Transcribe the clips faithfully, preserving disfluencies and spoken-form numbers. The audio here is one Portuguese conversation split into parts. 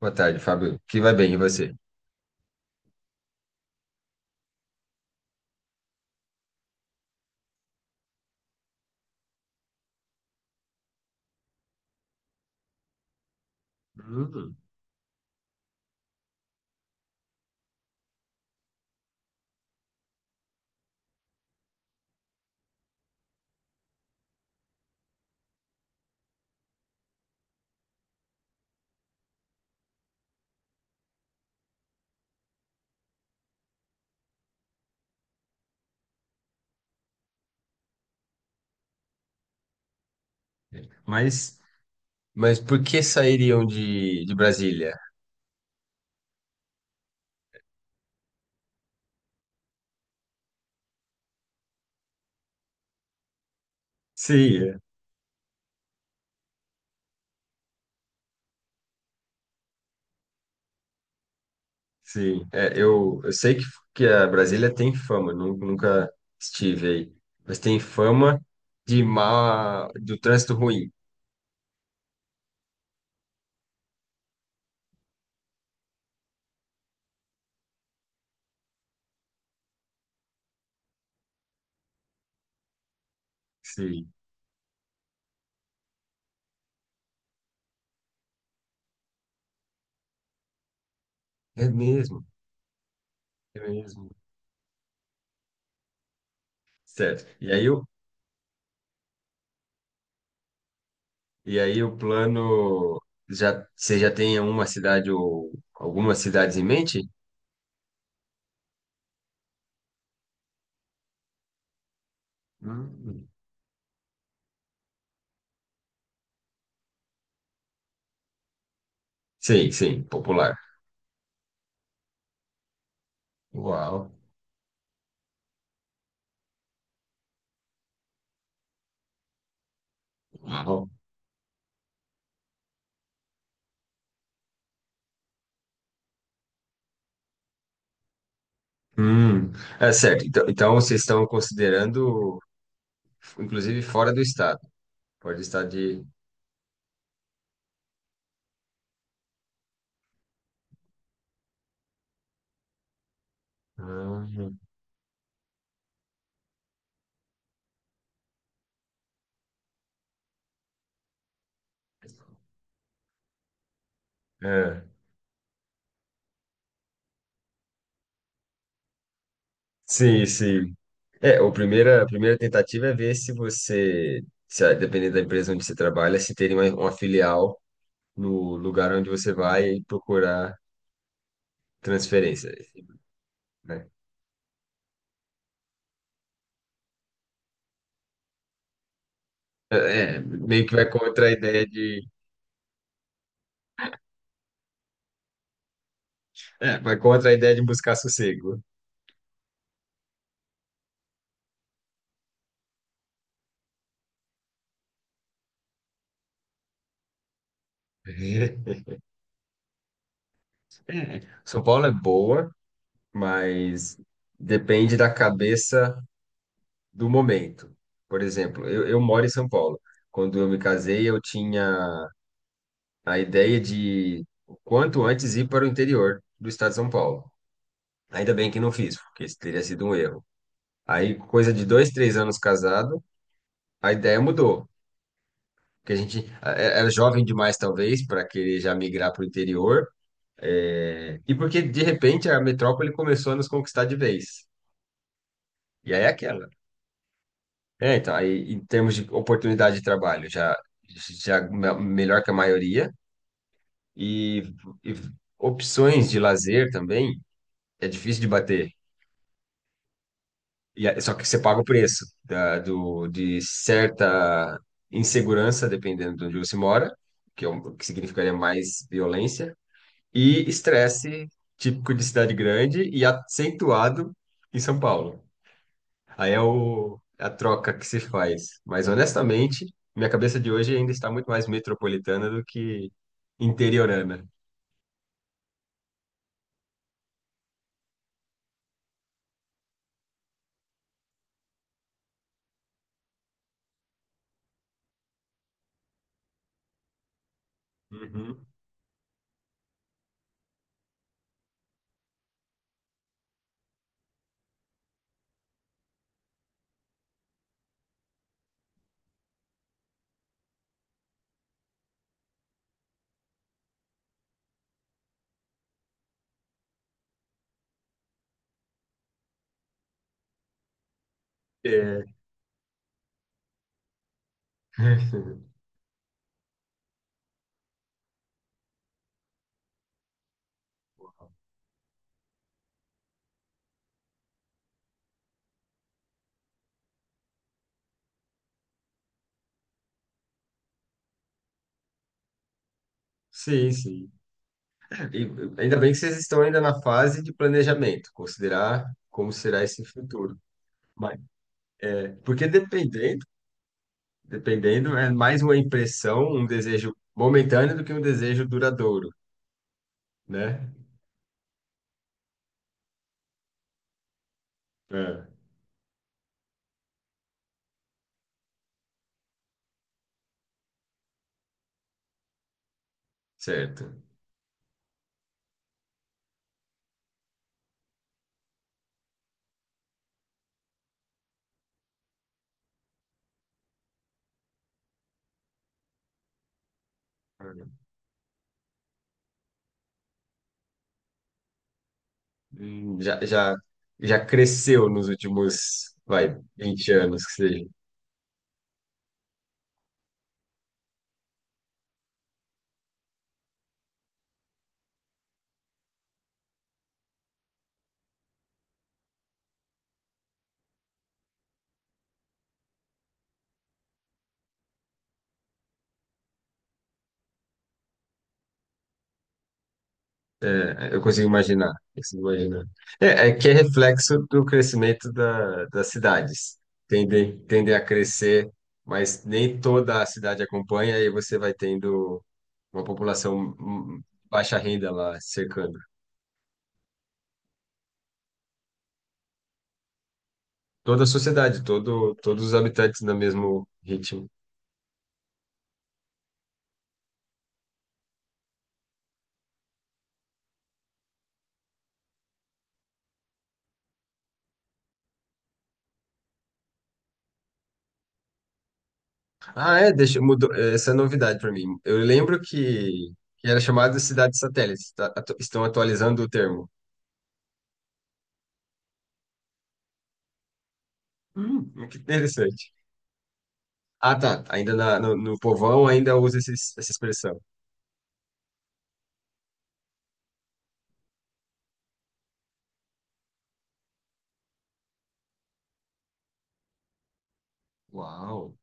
Boa tarde, Fábio. Que vai bem, e você? Hum, mas, mas por que sairiam de, de Brasília? Sim, é, sim. É, eu, eu sei que, que a Brasília tem fama, nu- nunca estive aí, mas tem fama de má, do trânsito ruim. Sim. É mesmo, é mesmo. Certo. E aí, o- e aí o plano, já, você já tem uma cidade ou algumas cidades em mente? Hum. Sim, sim, popular. Uau. Uau. Hum, é certo. Então, então vocês estão considerando, inclusive, fora do estado. Pode estar de. Ah, é. Sim, sim. É, o primeira, a primeira tentativa é ver se você, se, a- dependendo da empresa onde você trabalha, se tem uma, uma filial no lugar onde você vai e procurar transferência, né? É, é, meio que vai contra a ideia de, é, vai contra a ideia de buscar sossego. É, São Paulo é boa, mas depende da cabeça do momento. Por exemplo, eu, eu moro em São Paulo. Quando eu me casei, eu tinha a ideia de o quanto antes ir para o interior do estado de São Paulo. Ainda bem que não fiz, porque isso teria sido um erro. Aí, coisa de dois, três anos casado, a ideia mudou. Porque a gente eh, era jovem demais, talvez, para querer já migrar para o interior. É, e porque, de repente, a metrópole começou a nos conquistar de vez. E aí é aquela. É, então, aí em termos de oportunidade de trabalho, já, já me- melhor que a maioria, e, e opções de lazer também é difícil de bater. E, a- só que você paga o preço da, do, de certa insegurança, dependendo de onde você mora, que, é um, que significaria mais violência, e estresse típico de cidade grande e acentuado em São Paulo. Aí é o, é a troca que se faz. Mas honestamente, minha cabeça de hoje ainda está muito mais metropolitana do que interiorana. Uhum. É. Sim, sim. E ainda bem que vocês estão ainda na fase de planejamento, considerar como será esse futuro. Mas, porque dependendo, dependendo, é mais uma impressão, um desejo momentâneo do que um desejo duradouro, né? É, certo. Hum, Já, já, já cresceu nos últimos, vai, vinte anos, que seja. É, eu consigo imaginar, consigo imaginar. É, é que é reflexo do crescimento da, das cidades. Tendem, tendem a crescer, mas nem toda a cidade acompanha e você vai tendo uma população hum, baixa renda lá cercando. Toda a sociedade, todo, todos os habitantes no mesmo ritmo. Ah, é, deixa, mudou, é, essa é novidade para mim. Eu lembro que, que era chamado de Cidade Satélite. Tá? Atu- estão atualizando o termo. Hum, que interessante. Ah, tá. Ainda na- no, no povão ainda usa esses- essa expressão. Uau.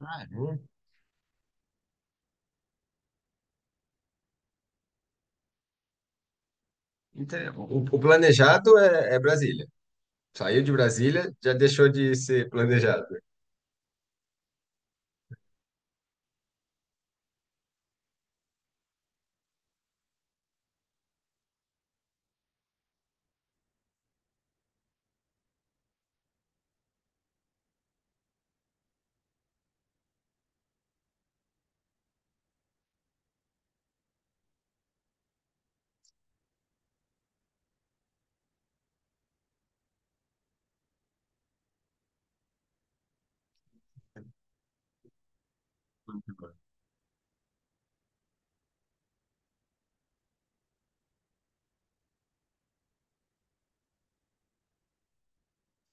Ah, é. Inter- O, o planejado é, é Brasília. Saiu de Brasília, já deixou de ser planejado. Muito bom.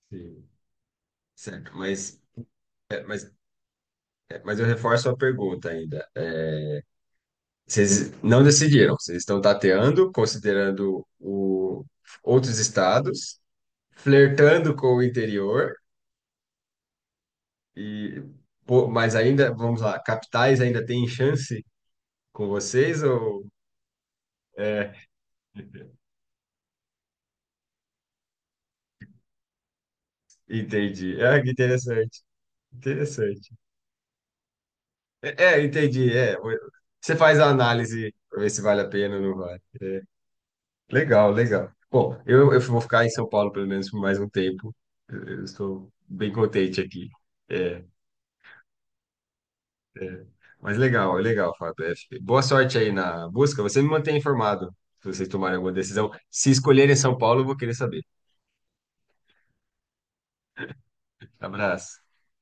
Sim. Certo, mas, é, mas, é, mas eu reforço a pergunta ainda. Vocês não decidiram, vocês estão tateando, considerando o, outros estados, flertando com o interior, e, pô, mas ainda, vamos lá, capitais ainda tem chance com vocês ou... É, entendi. Ah, que interessante, interessante. É, é, entendi, é. Você faz a análise para ver se vale a pena ou não vale. Legal, legal. Bom, eu, eu vou ficar em São Paulo pelo menos por mais um tempo. Eu eu estou bem contente aqui. É, é. Mas legal, é legal, Fábio. É, boa sorte aí na busca. Você me mantém informado se vocês tomarem alguma decisão. Se escolherem São Paulo, eu vou querer saber. Abraço.